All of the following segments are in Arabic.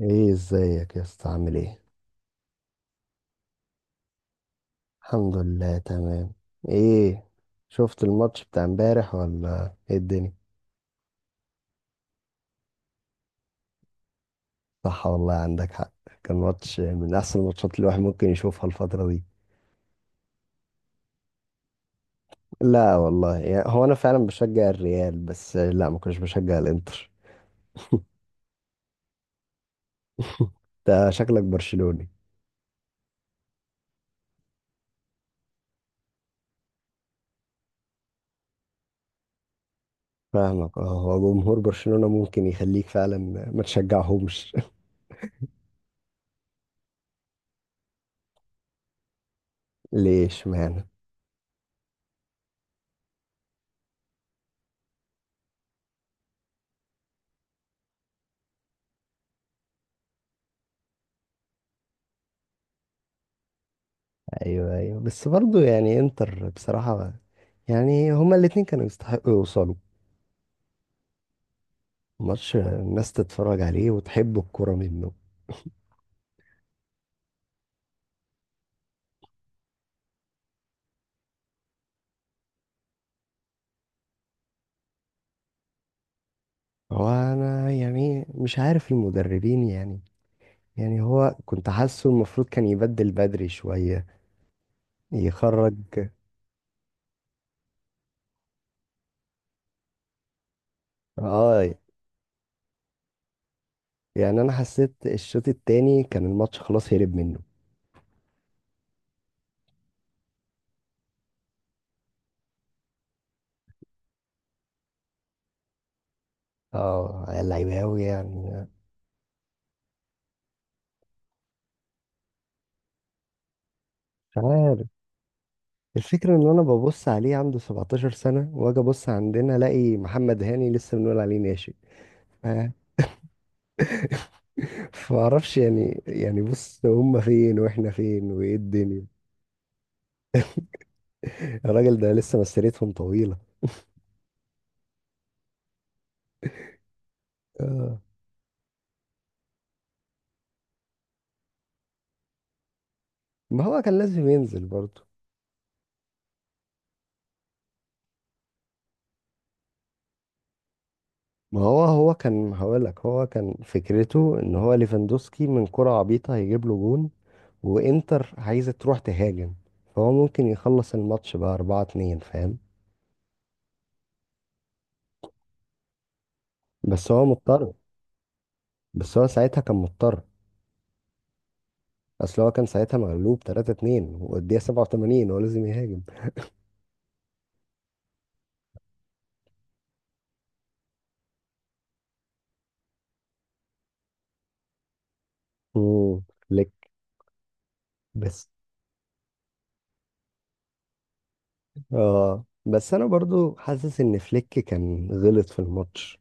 ايه ازيك يا اسطى عامل ايه؟ الحمد لله تمام. ايه؟ شفت الماتش بتاع امبارح ولا ايه الدنيا؟ صح والله عندك حق. كان ماتش من احسن الماتشات اللي الواحد ممكن يشوفها الفترة دي. لا والله، يعني هو انا فعلا بشجع الريال بس لا ما كنتش بشجع الانتر. انت شكلك برشلوني؟ فاهمك، اه هو جمهور برشلونة ممكن يخليك فعلا ما تشجعهمش. ليش معنى؟ ايوه ايوه، بس برضو يعني انتر بصراحة. يعني هما الاتنين كانوا يستحقوا يوصلوا. ماتش الناس تتفرج عليه وتحب الكرة منه. هو انا يعني مش عارف المدربين يعني. يعني هو كنت حاسه المفروض كان يبدل بدري شوية يخرج. اه. يعني انا حسيت الشوط التاني كان الماتش خلاص هرب منه. اه اللعيبة اوي يعني. مش عارف. الفكرة ان انا ببص عليه عنده 17 سنة واجي ابص عندنا الاقي محمد هاني لسه بنقول عليه ناشئ. ف- فمعرفش يعني بص هم فين واحنا فين وايه الدنيا. الراجل ده لسه مسيرتهم طويلة. آه. ما هو كان لازم ينزل برضه. ما هو كان هقولك هو كان فكرته ان هو ليفاندوسكي من كرة عبيطة هيجيب له جون. وانتر عايزة تروح تهاجم. فهو ممكن يخلص الماتش بقى 4-2 فاهم. بس هو مضطر. بس هو ساعتها كان مضطر. اصل هو كان ساعتها مغلوب 3-2 والدقيقة 87 هو لازم يهاجم. مم. فليك. بس اه، بس انا برضو حاسس ان فليك كان غلط في الماتش.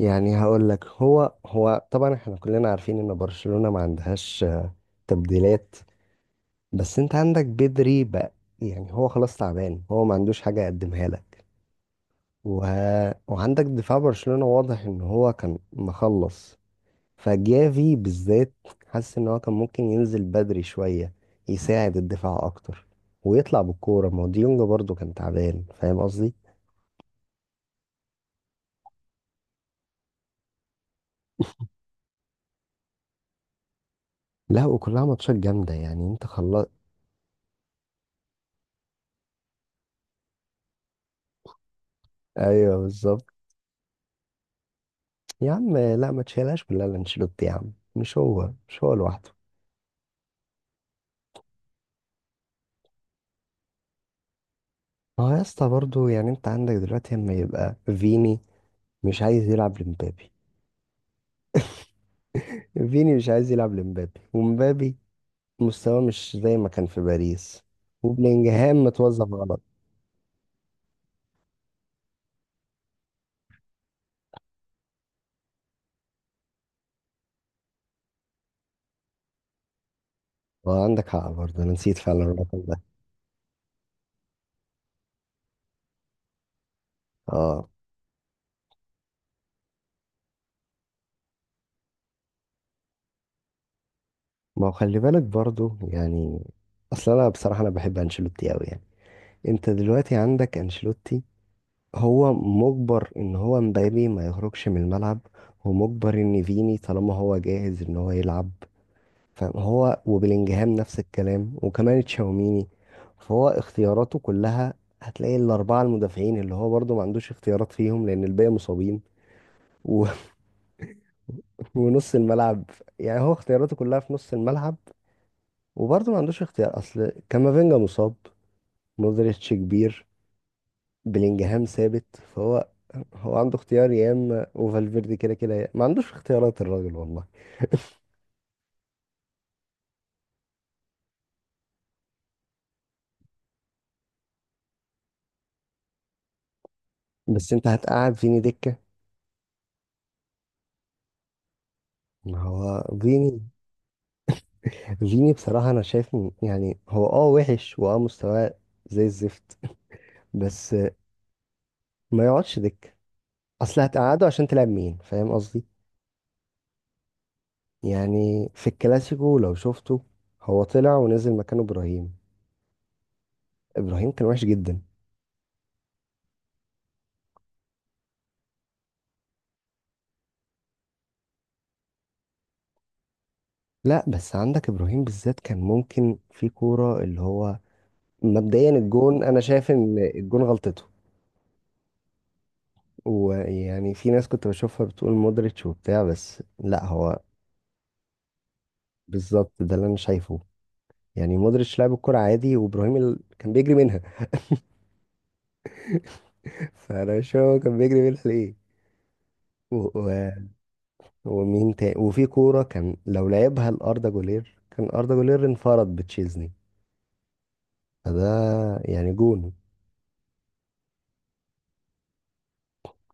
يعني هقول لك، هو طبعا احنا كلنا عارفين ان برشلونة ما عندهاش تبديلات. بس انت عندك بدري بقى. يعني هو خلاص تعبان، هو ما عندوش حاجة يقدمها لك و... وعندك دفاع برشلونة واضح ان هو كان مخلص. فجافي بالذات حاسس ان هو كان ممكن ينزل بدري شوية يساعد الدفاع اكتر ويطلع بالكورة، ما هو ديونج برضه كان تعبان فاهم قصدي؟ لا وكلها ماتشات جامدة يعني انت خلاص. ايوه بالظبط. يا عم لا ما تشيلهاش كلها لانشيلوتي يا عم، مش هو، مش هو لوحده. ما هو يا اسطى برضه يعني انت عندك دلوقتي اما يبقى فيني مش عايز يلعب لمبابي. فيني مش عايز يلعب لمبابي، ومبابي مستواه مش زي ما كان في باريس. وبلينجهام متوظف غلط. اه عندك حق برضه انا نسيت فعلا الرقم ده. اه ما هو خلي بالك برضه يعني. اصل انا بصراحة انا بحب انشيلوتي قوي يعني. انت دلوقتي عندك انشيلوتي. هو مجبر ان هو مبابي ما يخرجش من الملعب. هو مجبر ان فيني طالما هو جاهز ان هو يلعب. فهو وبلينجهام نفس الكلام وكمان تشاوميني. فهو اختياراته كلها. هتلاقي الاربعه المدافعين اللي هو برضو ما عندوش اختيارات فيهم لان الباقي مصابين و... ونص الملعب. يعني هو اختياراته كلها في نص الملعب. وبرضو ما عندوش اختيار، اصل كامافينجا مصاب. مودريتش كبير. بلينجهام ثابت فهو. هو عنده اختيار يا اما وفالفيردي كده كده ما عندوش اختيارات الراجل والله. بس انت هتقعد فيني دكة. ما هو فيني. فيني بصراحة انا شايف يعني هو اه وحش واه مستواه زي الزفت. بس ما يقعدش دكة. اصل هتقعده عشان تلعب مين فاهم قصدي؟ يعني في الكلاسيكو لو شفته هو طلع ونزل مكانه ابراهيم. ابراهيم كان وحش جدا. لا بس عندك ابراهيم بالذات كان ممكن في كورة اللي هو مبدئيا الجون، انا شايف ان الجون غلطته. ويعني في ناس كنت بشوفها بتقول مودريتش وبتاع، بس لا هو. بالظبط ده اللي انا شايفه. يعني مودريتش لعب الكرة عادي وابراهيم كان بيجري منها. فانا مش فاهم هو كان بيجري منها ليه و... و... ومين تاني، وفي كورة كان لو لعبها لأردا جولير كان أردا جولير انفرد بتشيزني. فده يعني جون.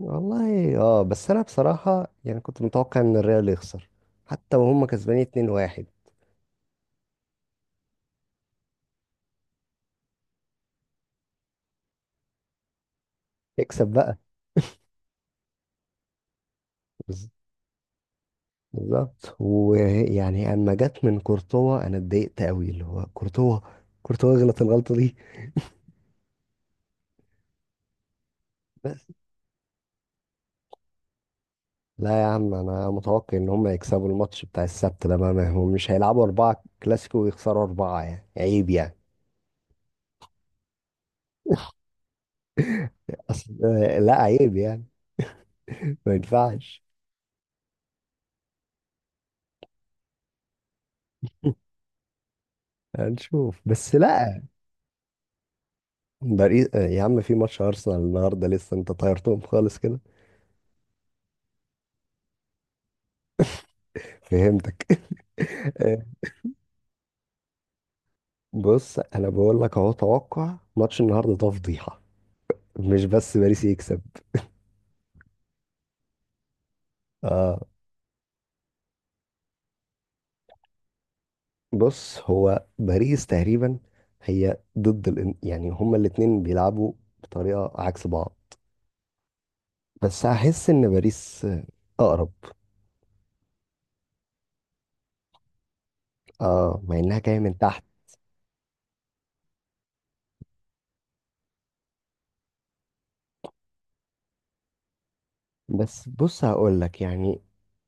والله اه، بس انا بصراحة يعني كنت متوقع ان الريال يخسر حتى وهم كسبانين 2-1. اكسب بقى. بالظبط، ويعني اما جت من كورتوا انا اتضايقت قوي، اللي هو كورتوا، كورتوا غلط الغلطه دي. بس. لا يا عم انا متوقع ان هم يكسبوا الماتش بتاع السبت ده بقى، ما هم مش هيلعبوا اربعه كلاسيكو ويخسروا اربعه يعني عيب يعني. اصل لا عيب يعني. ما ينفعش. هنشوف بس لا. باريس يا عم في ماتش ارسنال النهارده لسه انت طيرتهم خالص كده. فهمتك آه، بص انا بقول لك اهو توقع ماتش النهارده ده فضيحه. مش بس باريس يكسب. اه بص هو باريس تقريبا. هي ضد يعني هما الاتنين بيلعبوا بطريقة عكس بعض. بس هحس ان باريس اقرب. اه مع انها جاية من تحت. بس بص هقول لك يعني،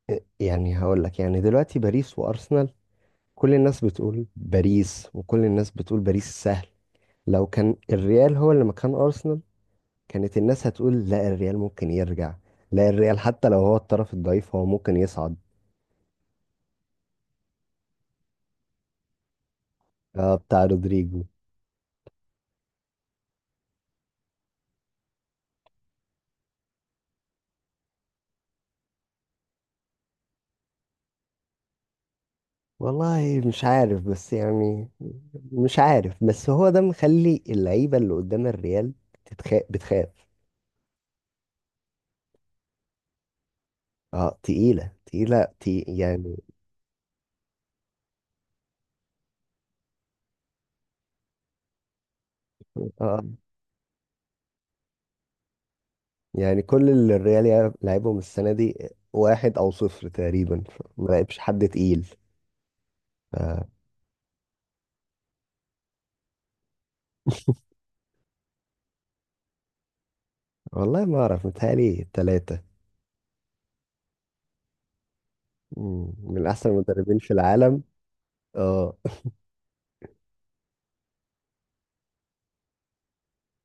يعني هقول لك يعني دلوقتي باريس وارسنال. كل الناس بتقول باريس، وكل الناس بتقول باريس سهل. لو كان الريال هو اللي مكان ارسنال، كانت الناس هتقول لا الريال ممكن يرجع. لا الريال حتى لو هو الطرف الضعيف هو ممكن يصعد. آه بتاع رودريجو. والله مش عارف بس يعني. مش عارف بس هو ده مخلي اللعيبة اللي قدام الريال بتخاف. اه تقيلة تقيلة تي يعني. اه يعني كل اللي الريال لعبهم السنة دي. واحد أو صفر تقريبا، ما لعبش حد تقيل والله ما أعرف متهيألي تلاتة. مم، من أحسن المدربين في العالم. اه